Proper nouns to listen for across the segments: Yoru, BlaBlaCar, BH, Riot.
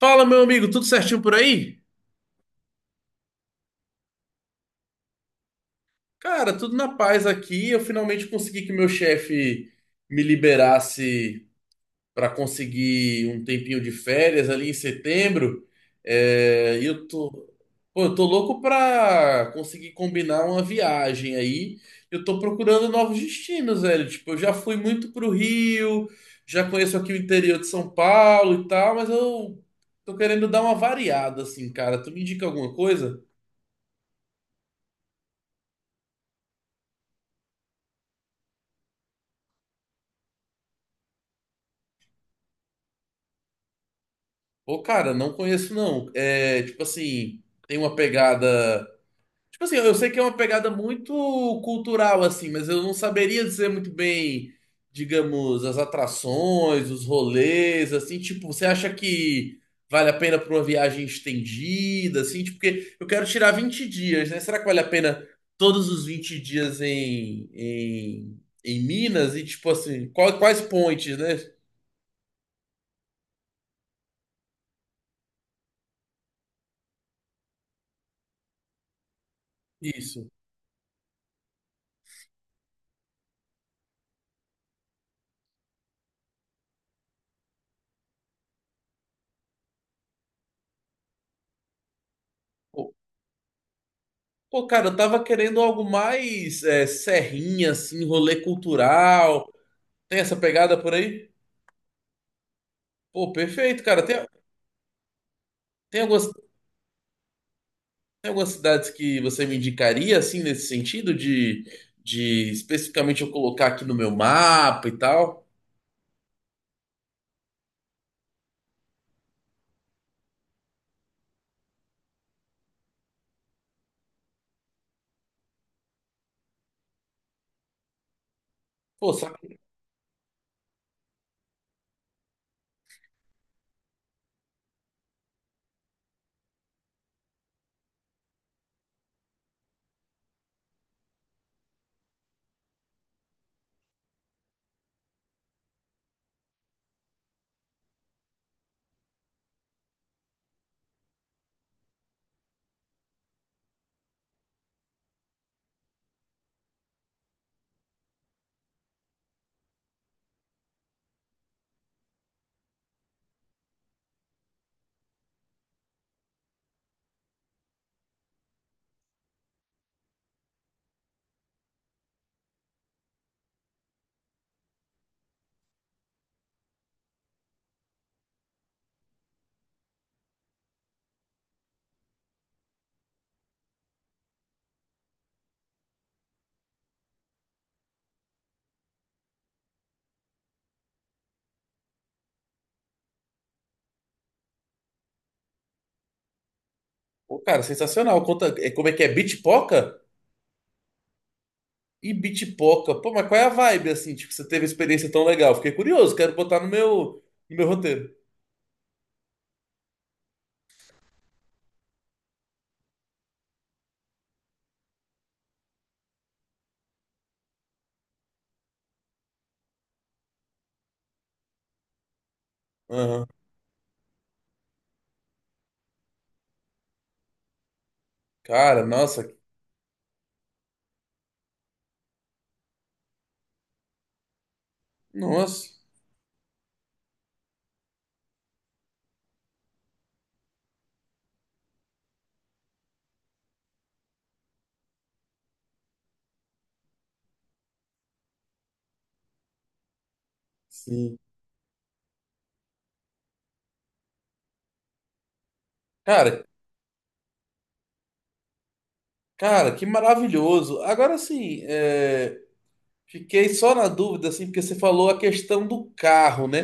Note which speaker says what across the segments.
Speaker 1: Fala, meu amigo, tudo certinho por aí? Cara, tudo na paz aqui. Eu finalmente consegui que meu chefe me liberasse para conseguir um tempinho de férias ali em setembro. É, e pô, eu tô louco para conseguir combinar uma viagem aí. Eu tô procurando novos destinos, velho. Tipo, eu já fui muito pro Rio, já conheço aqui o interior de São Paulo e tal, mas eu tô querendo dar uma variada assim, cara. Tu me indica alguma coisa? Ô, cara, não conheço não. É, tipo assim, tem uma pegada. Tipo assim, eu sei que é uma pegada muito cultural, assim, mas eu não saberia dizer muito bem, digamos, as atrações, os rolês, assim, tipo, você acha que vale a pena pra uma viagem estendida, assim, tipo, porque eu quero tirar 20 dias, né? Será que vale a pena todos os 20 dias em Minas? E, tipo assim, quais pontes, né? Isso. Pô, cara, eu tava querendo algo mais serrinha, assim, rolê cultural. Tem essa pegada por aí? Pô, perfeito, cara. Tem algumas, tem algumas cidades que você me indicaria, assim, nesse sentido de especificamente eu colocar aqui no meu mapa e tal? Pô, sabe? Pô, cara, sensacional. Conta, como é que é? Bitpoca? E Bitpoca? Pô, mas qual é a vibe, assim? Tipo, você teve experiência tão legal. Fiquei curioso, quero botar no meu roteiro. Aham. Cara, nossa. Nossa. Sim. Cara, que maravilhoso. Agora sim, fiquei só na dúvida, assim, porque você falou a questão do carro, né?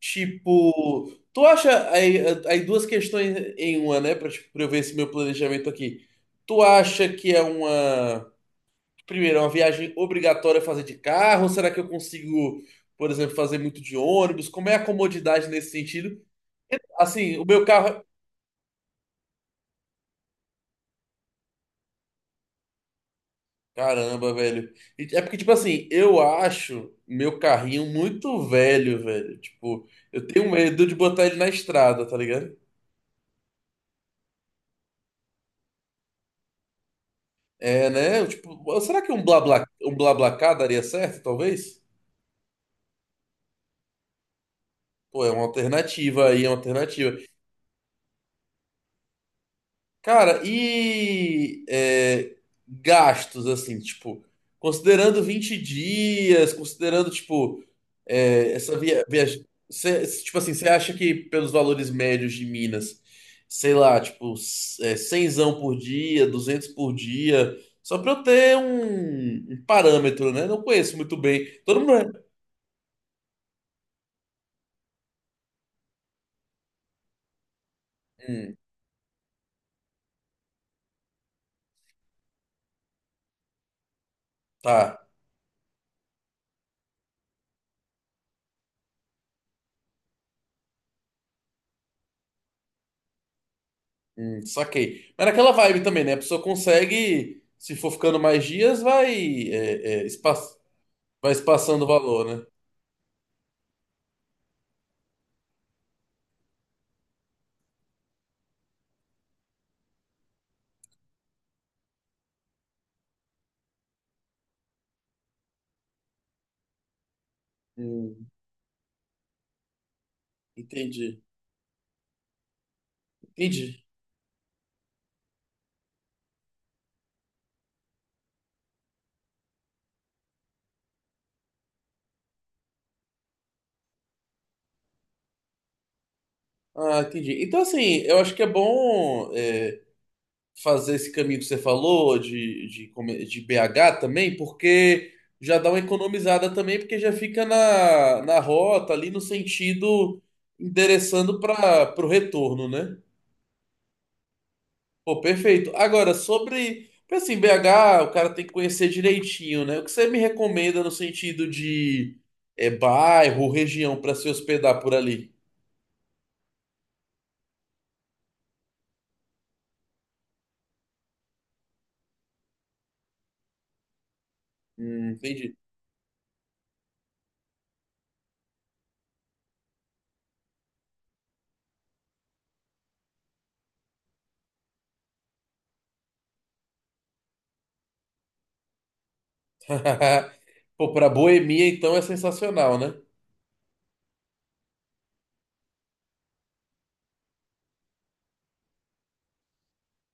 Speaker 1: Tipo, tu acha aí duas questões em uma, né? Tipo, pra eu ver esse meu planejamento aqui. Tu acha que é uma, primeiro, é uma viagem obrigatória fazer de carro? Será que eu consigo, por exemplo, fazer muito de ônibus? Como é a comodidade nesse sentido? Assim, o meu carro. Caramba, velho. E porque, tipo assim, eu acho meu carrinho muito velho, velho. Tipo, eu tenho medo de botar ele na estrada, tá ligado? É, né? Tipo, será que um BlaBlaCar daria certo, talvez? Pô, é uma alternativa aí, é uma alternativa. Cara, e gastos, assim, tipo, considerando 20 dias, considerando, tipo, essa viagem. Tipo assim, você acha que pelos valores médios de Minas, sei lá, tipo, 100zão por dia, 200 por dia, só pra eu ter um parâmetro, né? Não conheço muito bem. Todo mundo. é- Hum, tá, saquei. Mas naquela vibe também, né? A pessoa consegue. Se for ficando mais dias, é, é, vai se passando o valor, né? Hum. Entendi, entendi. Ah, entendi. Então, assim, eu acho que é bom fazer esse caminho que você falou de BH também, porque já dá uma economizada também, porque já fica na rota ali no sentido endereçando para o retorno, né? Pô, perfeito. Agora, sobre, porque, assim, BH, o cara tem que conhecer direitinho, né? O que você me recomenda no sentido de bairro, região para se hospedar por ali? Entendi. Pô, pra boemia, então, é sensacional, né?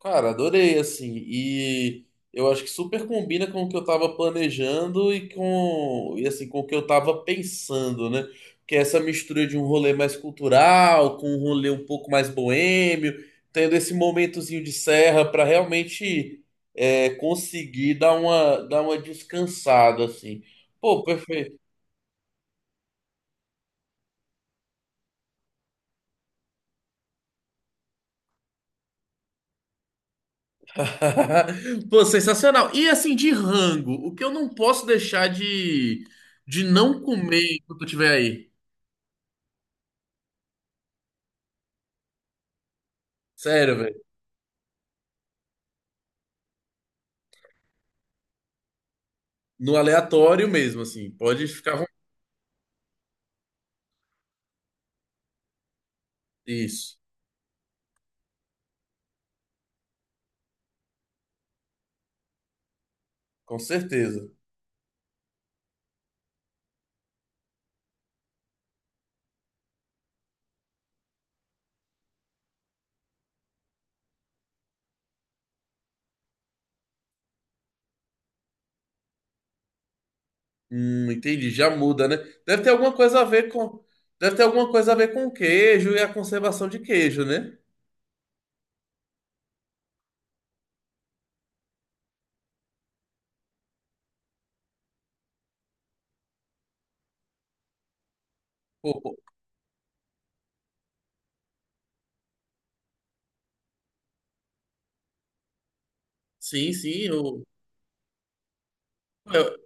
Speaker 1: Cara, adorei, assim. E eu acho que super combina com o que eu tava planejando e com, e assim, com o que eu tava pensando, né? Que é essa mistura de um rolê mais cultural com um rolê um pouco mais boêmio, tendo esse momentozinho de serra pra realmente conseguir dar uma descansada, assim. Pô, perfeito. Pô, sensacional. E assim, de rango, o que eu não posso deixar de não comer enquanto eu estiver aí? Sério, velho. No aleatório mesmo, assim. Pode ficar, à vontade. Isso, com certeza. Entendi. Já muda, né? Deve ter alguma coisa a ver com. Deve ter alguma coisa a ver com queijo e a conservação de queijo, né? Pô, pô. Sim, sim. Eu,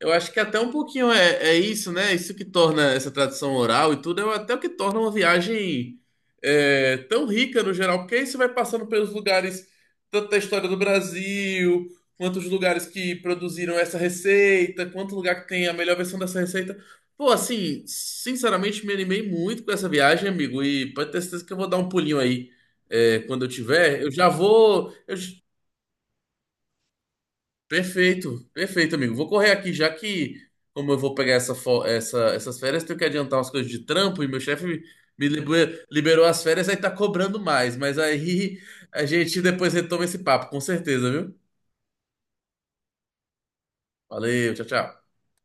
Speaker 1: Eu acho que até um pouquinho é isso, né? Isso que torna essa tradição oral e tudo, é até o que torna uma viagem tão rica no geral, porque aí você vai passando pelos lugares, tanto da história do Brasil, quanto os lugares que produziram essa receita, quanto lugar que tem a melhor versão dessa receita. Pô, assim, sinceramente me animei muito com essa viagem, amigo, e pode ter certeza que eu vou dar um pulinho aí quando eu tiver. Eu já vou. Eu. Perfeito, perfeito, amigo. Vou correr aqui, já que, como eu vou pegar essas férias, tenho que adiantar umas coisas de trampo e meu chefe me liberou as férias, aí tá cobrando mais. Mas aí a gente depois retoma esse papo, com certeza, viu? Valeu, tchau, tchau.